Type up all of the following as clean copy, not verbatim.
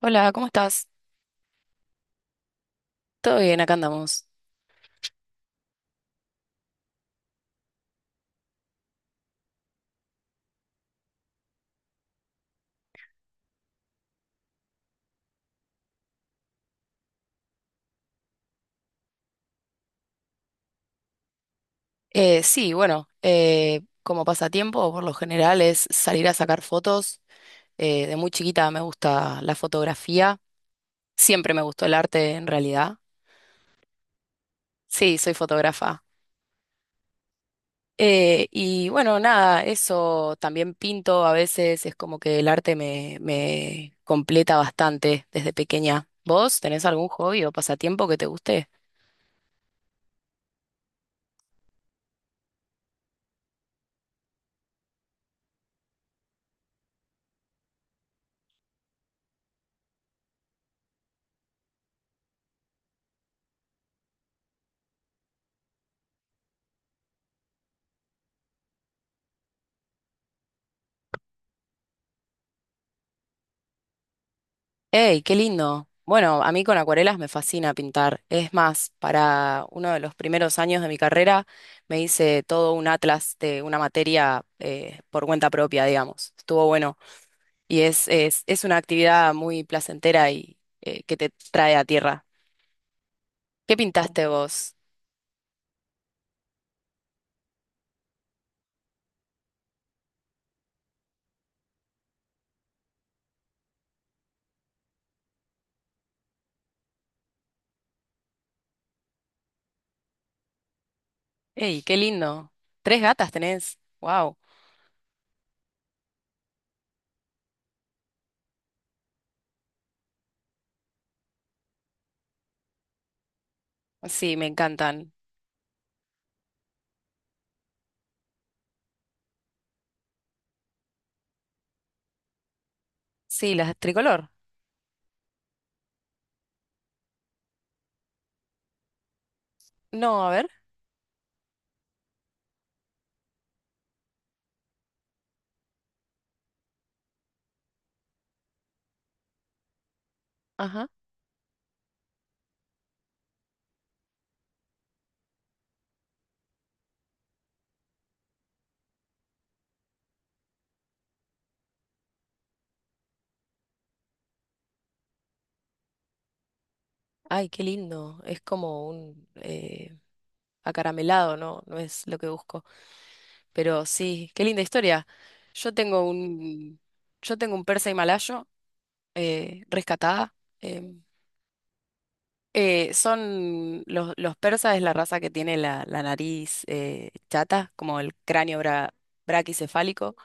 Hola, ¿cómo estás? Todo bien, acá andamos. Sí, bueno, como pasatiempo, por lo general es salir a sacar fotos. De muy chiquita me gusta la fotografía. Siempre me gustó el arte, en realidad. Sí, soy fotógrafa. Y bueno, nada, eso también pinto a veces. Es como que el arte me completa bastante desde pequeña. ¿Vos tenés algún hobby o pasatiempo que te guste? ¡Ey, qué lindo! Bueno, a mí con acuarelas me fascina pintar. Es más, para uno de los primeros años de mi carrera me hice todo un atlas de una materia por cuenta propia, digamos. Estuvo bueno. Y es una actividad muy placentera y que te trae a tierra. ¿Qué pintaste vos? ¡Ey, qué lindo! ¿Tres gatas tenés? ¡Wow! Sí, me encantan. Sí, las tricolor. No, a ver. Ajá. Ay, qué lindo. Es como un acaramelado, ¿no? No es lo que busco. Pero sí, qué linda historia. Yo tengo un, yo tengo un persa himalayo rescatada. em, Son los persas es la raza que tiene la nariz chata, como el cráneo braquicefálico,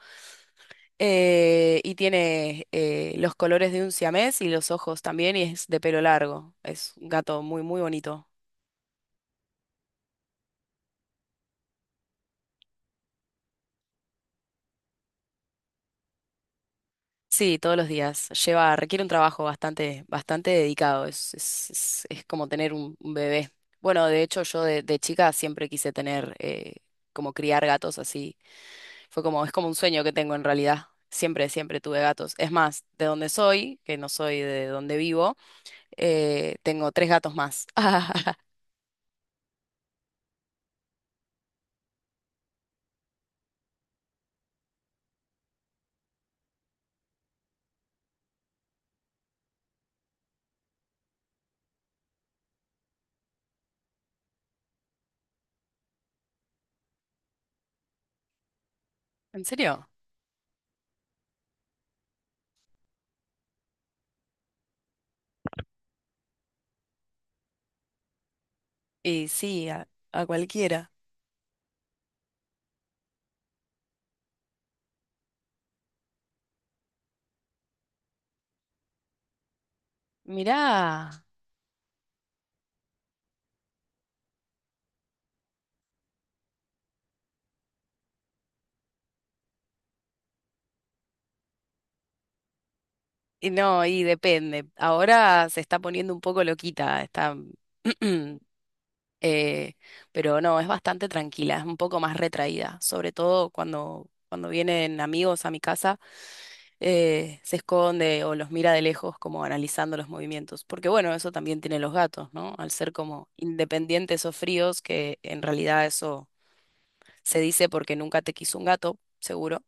y tiene los colores de un siamés y los ojos también, y es de pelo largo. Es un gato muy, muy bonito. Sí, todos los días. Lleva, requiere un trabajo bastante, bastante dedicado. Es como tener un bebé. Bueno, de hecho, de chica siempre quise tener, como criar gatos así. Es como un sueño que tengo en realidad. Siempre tuve gatos. Es más, de donde soy, que no soy de donde vivo, tengo tres gatos más. ¿En serio? Y sí, a cualquiera. Mirá. Y no, y depende. Ahora se está poniendo un poco loquita. Está Eh, pero no, es bastante tranquila, es un poco más retraída, sobre todo cuando vienen amigos a mi casa, se esconde o los mira de lejos como analizando los movimientos, porque bueno, eso también tienen los gatos, ¿no? Al ser como independientes o fríos, que en realidad eso se dice porque nunca te quiso un gato, seguro.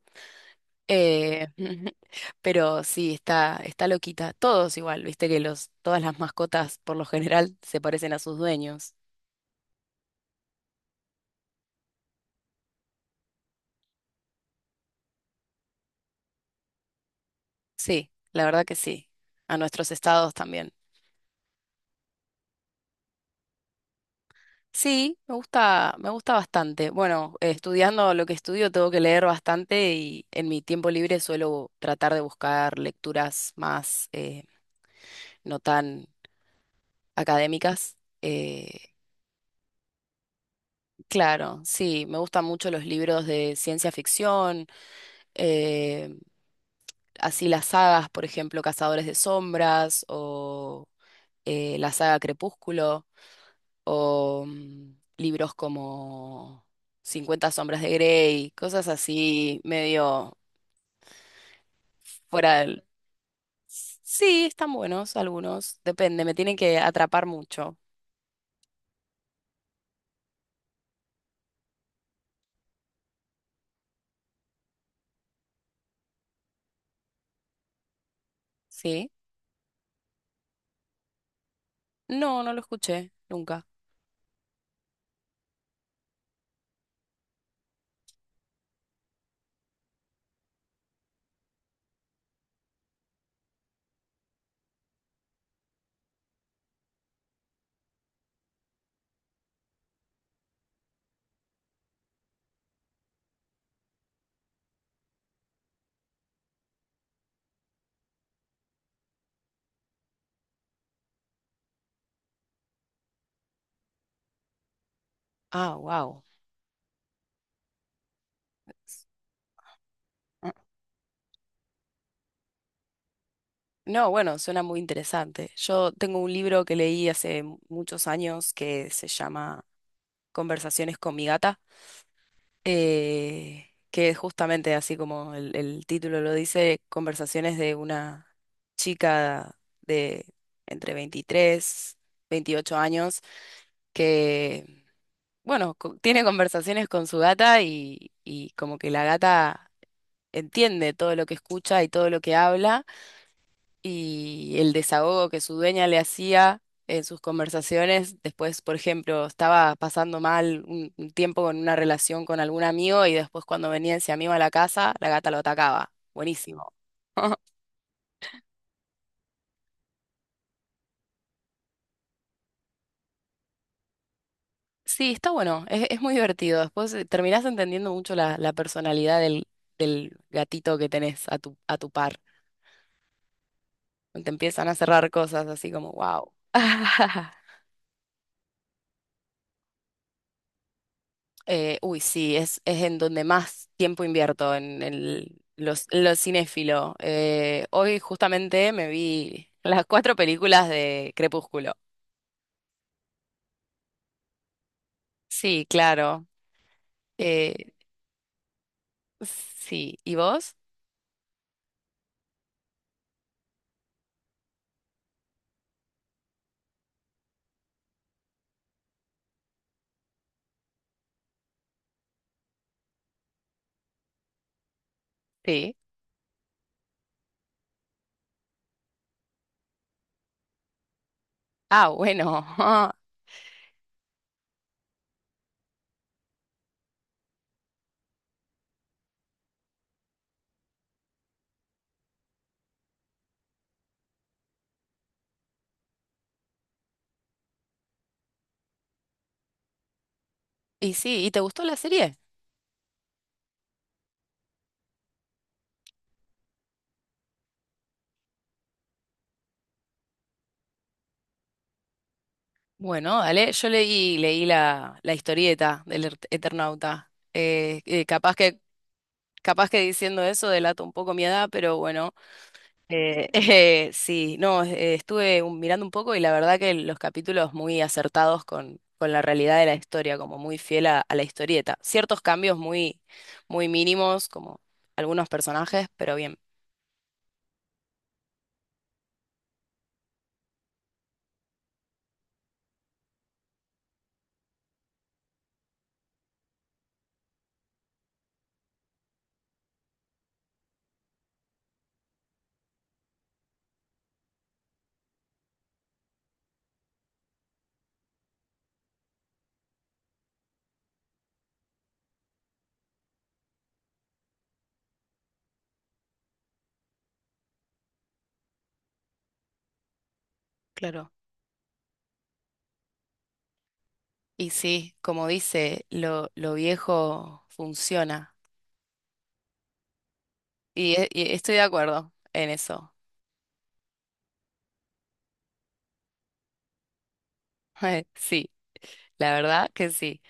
Eh, pero sí, está loquita. Todos igual, viste que los, todas las mascotas por lo general se parecen a sus dueños. Sí, la verdad que sí. A nuestros estados también. Sí, me gusta bastante. Bueno, estudiando lo que estudio tengo que leer bastante y en mi tiempo libre suelo tratar de buscar lecturas más no tan académicas. Claro, sí, me gustan mucho los libros de ciencia ficción, eh, así las sagas, por ejemplo, Cazadores de Sombras o la saga Crepúsculo o libros como Cincuenta Sombras de Grey, cosas así medio fuera del... Sí, están buenos algunos, depende, me tienen que atrapar mucho, ¿sí? No, no lo escuché nunca. Ah, wow. No, bueno, suena muy interesante. Yo tengo un libro que leí hace muchos años que se llama Conversaciones con mi gata. Que es justamente así como el título lo dice, conversaciones de una chica de entre 23, 28 años, que, bueno, tiene conversaciones con su gata y como que la gata entiende todo lo que escucha y todo lo que habla y el desahogo que su dueña le hacía en sus conversaciones. Después, por ejemplo, estaba pasando mal un tiempo con una relación con algún amigo y después cuando venía ese amigo a la casa, la gata lo atacaba. Buenísimo. Sí, está bueno, es muy divertido. Después terminás entendiendo mucho la personalidad del gatito que tenés a a tu par. Te empiezan a cerrar cosas así como, wow. Uy, sí, es en donde más tiempo invierto, en en lo cinéfilo. Hoy justamente me vi las cuatro películas de Crepúsculo. Sí, claro. Eh, sí, ¿y vos? Sí. Ah, bueno. Y sí, ¿y te gustó la serie? Bueno, dale, yo leí la historieta del Eternauta. Capaz que diciendo eso delato un poco mi edad, pero bueno. Sí, no, estuve mirando un poco y la verdad que los capítulos muy acertados con la realidad de la historia, como muy fiel a la historieta. Ciertos cambios muy, muy mínimos, como algunos personajes, pero bien, claro. Y sí, como dice, lo viejo funciona. Y estoy de acuerdo en eso. Sí, la verdad que sí.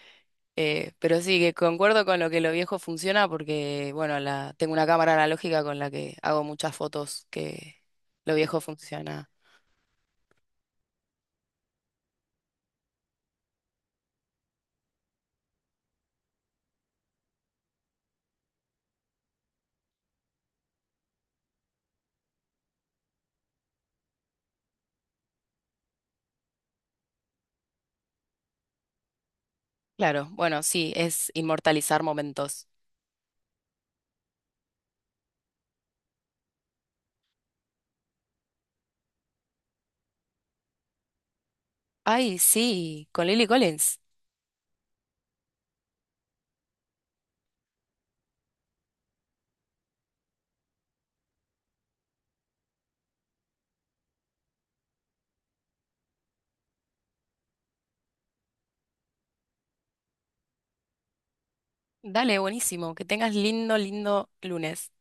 Pero sí, que concuerdo con lo que lo viejo funciona porque, bueno, la, tengo una cámara analógica con la que hago muchas fotos que lo viejo funciona. Claro, bueno, sí, es inmortalizar momentos. Ay, sí, con Lily Collins. Dale, buenísimo. Que tengas lindo, lindo lunes.